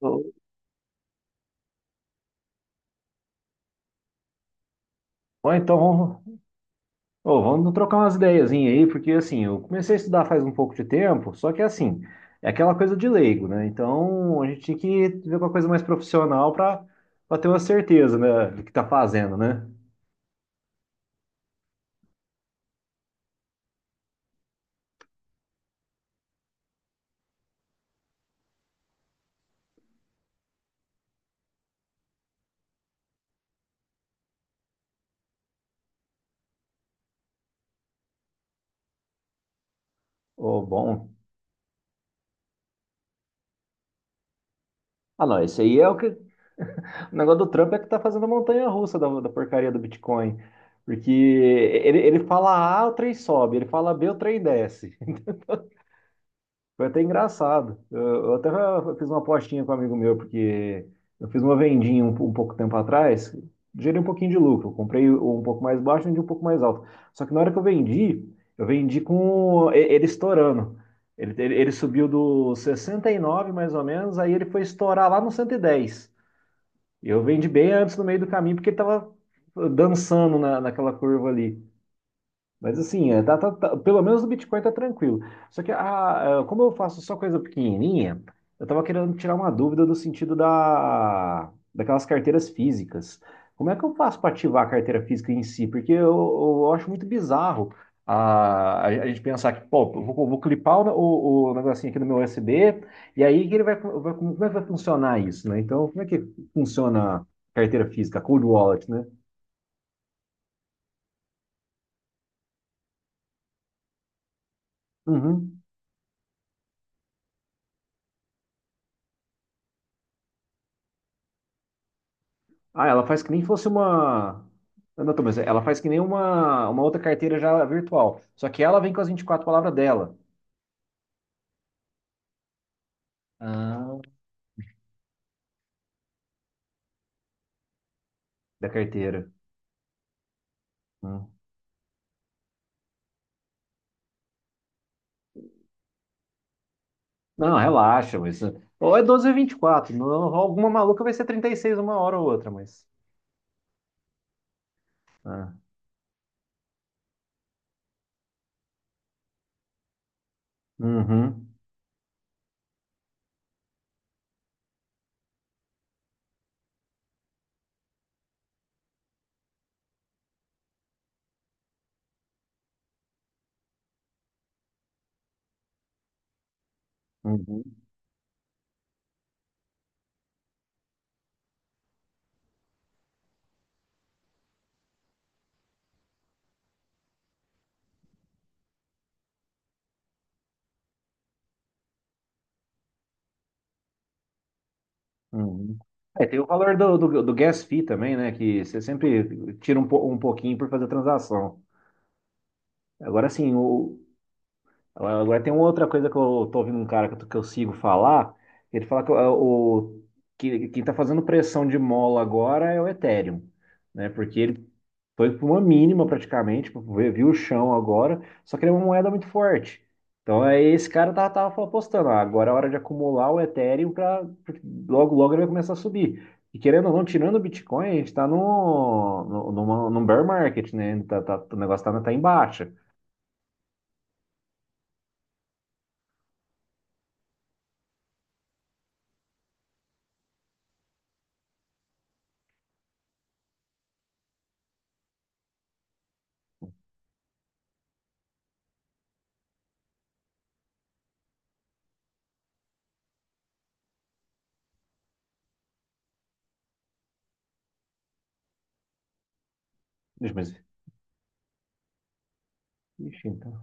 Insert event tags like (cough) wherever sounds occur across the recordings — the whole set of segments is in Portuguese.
Ou ou então vamos, ou vamos trocar umas ideiazinhas aí, porque assim, eu comecei a estudar faz um pouco de tempo, só que assim, é aquela coisa de leigo, né? Então a gente tinha que ver uma coisa mais profissional para ter uma certeza, né, do que tá fazendo, né? Ô, bom. Ah, não, esse aí é o que. O negócio do Trump é que tá fazendo a montanha russa da porcaria do Bitcoin. Porque ele fala A, o trem sobe, ele fala B, o trem desce. Foi até engraçado. Eu até fiz uma apostinha com um amigo meu, porque eu fiz uma vendinha um pouco tempo atrás, gerei um pouquinho de lucro. Eu comprei um pouco mais baixo, vendi um pouco mais alto. Só que na hora que eu vendi com ele estourando. Ele subiu do 69 mais ou menos, aí ele foi estourar lá no 110. E 10. E eu vendi bem antes no meio do caminho, porque ele estava dançando naquela curva ali. Mas assim, pelo menos o Bitcoin tá tranquilo. Só que como eu faço só coisa pequenininha, eu tava querendo tirar uma dúvida do sentido daquelas carteiras físicas. Como é que eu faço para ativar a carteira física em si? Porque eu acho muito bizarro a gente pensar que, pô, eu vou clipar o negocinho aqui no meu USB, e aí que ele vai, como é que vai funcionar isso, né? Então, como é que funciona a carteira física, a cold wallet, né? Uhum. Ah, ela faz que nem fosse uma. Ah, não, tô, mas ela faz que nem uma outra carteira já virtual. Só que ela vem com as 24 palavras dela. Ah, da carteira. Hum. Não, relaxa, mas. Ou é 12 ou é 24. Não, alguma maluca vai ser 36 uma hora ou outra, mas. Ah. Uhum, uhum, uhum. É, tem o valor do gas fee também, né? Que você sempre tira um pouquinho por fazer transação. Agora sim. O, Agora agora tem uma outra coisa que eu tô ouvindo um cara que eu sigo falar. Ele fala que quem tá fazendo pressão de mola agora é o Ethereum, né? Porque ele foi para uma mínima praticamente, viu o chão agora, só que ele é uma moeda muito forte. Então aí esse cara tava apostando, ah, agora é hora de acumular o Ethereum para logo logo ele vai começar a subir. E querendo ou não, tirando o Bitcoin, a gente está no, no, numa- num bear market, né? O negócio tá em baixa. Deixa eu ver. Ixi, então.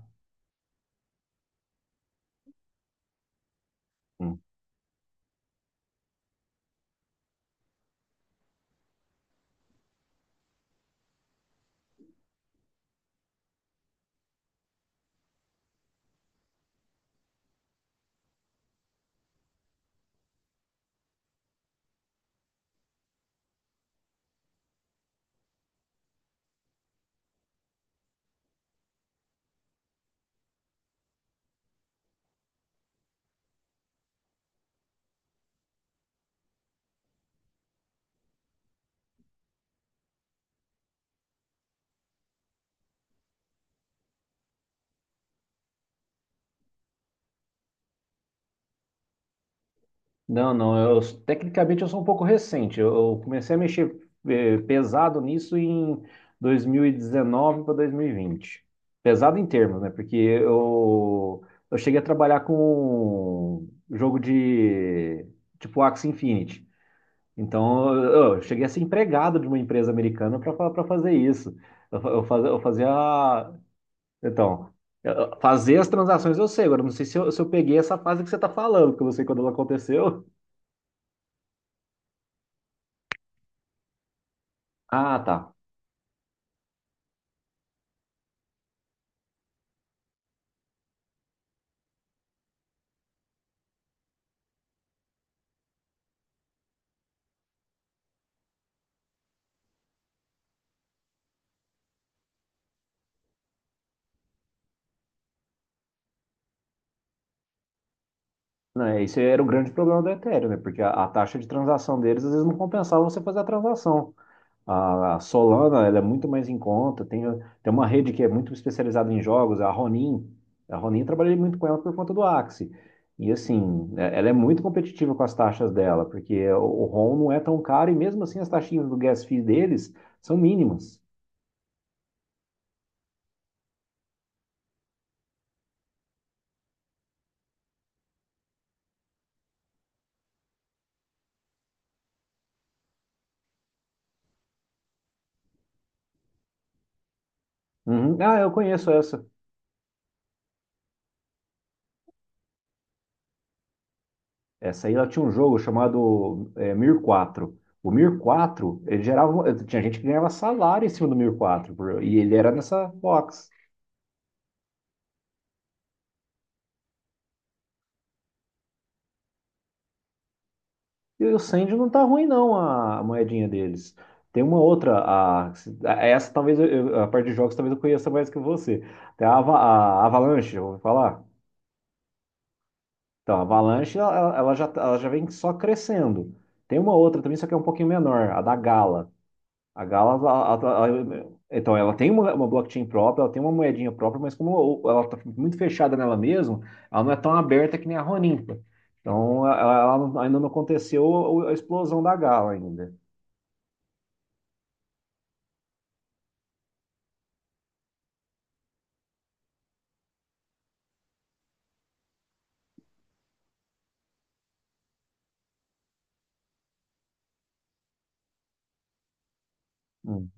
Não, não, eu tecnicamente eu sou um pouco recente. Eu comecei a mexer pesado nisso em 2019 para 2020. Pesado em termos, né? Porque eu cheguei a trabalhar com jogo de tipo Axie Infinity. Então eu cheguei a ser empregado de uma empresa americana para fazer isso. Eu fazia. Então, fazer as transações eu sei, agora não sei se eu peguei essa fase que você está falando, porque eu não sei quando ela aconteceu. Ah, tá. Não, esse era o grande problema do Ethereum, né? Porque a taxa de transação deles às vezes não compensava você fazer a transação. A Solana, ela é muito mais em conta, tem uma rede que é muito especializada em jogos, a Ronin. A Ronin eu trabalhei muito com ela por conta do Axie. E assim, ela é muito competitiva com as taxas dela, porque o ROM não é tão caro e mesmo assim as taxinhas do gas fee deles são mínimas. Uhum. Ah, eu conheço essa. Essa aí ela tinha um jogo chamado Mir 4. O Mir 4, ele gerava. Tinha gente que ganhava salário em cima do Mir 4, e ele era nessa box. E o Sandy não tá ruim, não, a moedinha deles. Tem uma outra, essa talvez a parte de jogos talvez eu conheça mais que você. Tem a Avalanche, eu vou falar. Então, a Avalanche ela já vem só crescendo. Tem uma outra também, só que é um pouquinho menor, a da Gala. A Galas, a- Então, ela tem uma blockchain própria, ela tem uma moedinha própria, mas como ela está muito fechada nela mesma, ela não é tão aberta que nem a Roninca. Então, ela não- ainda não aconteceu a explosão da Gala ainda. Hum.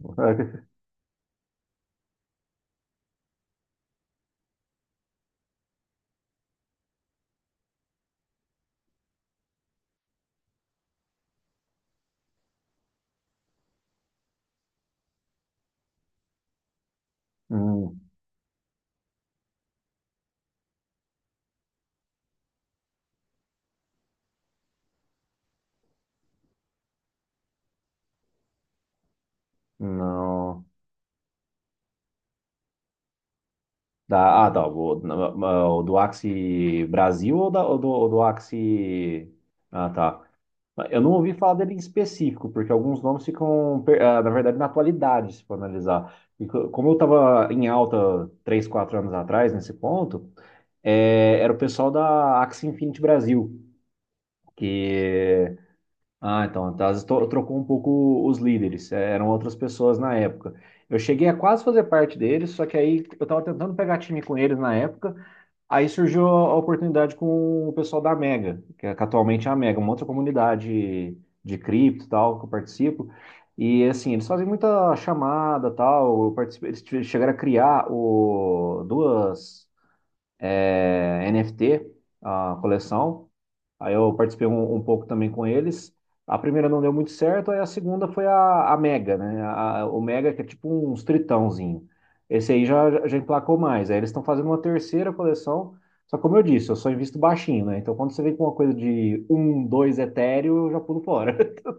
(laughs) Hum, não. Ah, tá. O do Axie Brasil ou do Axie. Ah, tá. Eu não ouvi falar dele em específico, porque alguns nomes ficam, na verdade, na atualidade, se for analisar. E como eu estava em alta 3, 4 anos atrás, nesse ponto, era o pessoal da Axie Infinity Brasil, que. Ah, então, tá, às vezes trocou um pouco os líderes, eram outras pessoas na época. Eu cheguei a quase fazer parte deles, só que aí eu estava tentando pegar time com eles na época. Aí surgiu a oportunidade com o pessoal da Mega, que é que atualmente é a Mega, uma outra comunidade de cripto e tal, que eu participo. E assim, eles fazem muita chamada e tal. Eu participo, eles chegaram a criar 2 NFT, a coleção. Aí eu participei um pouco também com eles. A primeira não deu muito certo, aí a segunda foi a Mega, né? O Mega, que é tipo um tritãozinho. Esse aí já emplacou mais. Aí eles estão fazendo uma terceira coleção. Só que, como eu disse, eu só invisto baixinho, né? Então quando você vem com uma coisa de um, dois etéreo, eu já pulo fora. (laughs)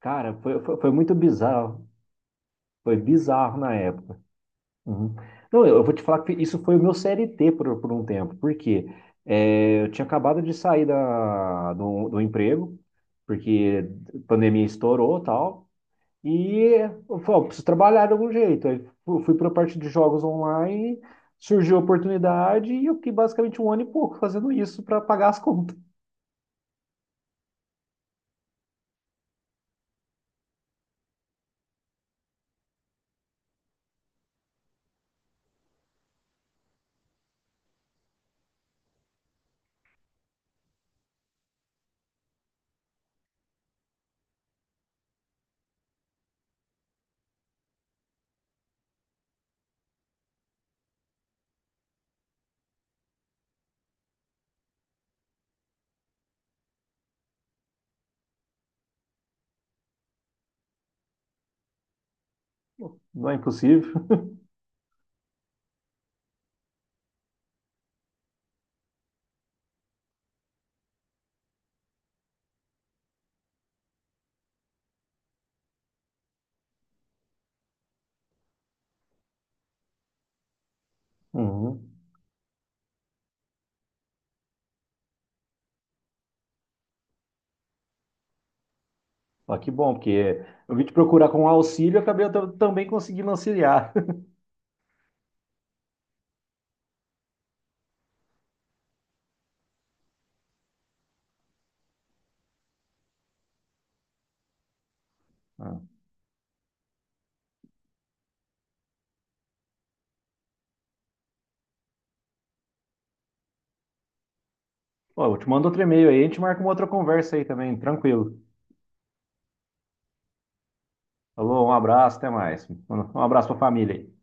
Cara, foi muito bizarro. Foi bizarro na época. Uhum. Não, eu vou te falar que isso foi o meu CLT por um tempo, porque eu tinha acabado de sair do emprego, porque a pandemia estourou e tal, e eu falei: "Ó, preciso trabalhar de algum jeito." Aí fui para a parte de jogos online, surgiu a oportunidade e eu fiquei basicamente um ano e pouco fazendo isso para pagar as contas. Não é impossível. (laughs) Uhum. Ah, que bom, porque eu vim te procurar com auxílio, acabei eu também conseguindo auxiliar. (laughs) Pô, eu te mando outro e-mail aí, a gente marca uma outra conversa aí também, tranquilo. Falou, um abraço, até mais. Um abraço pra família aí.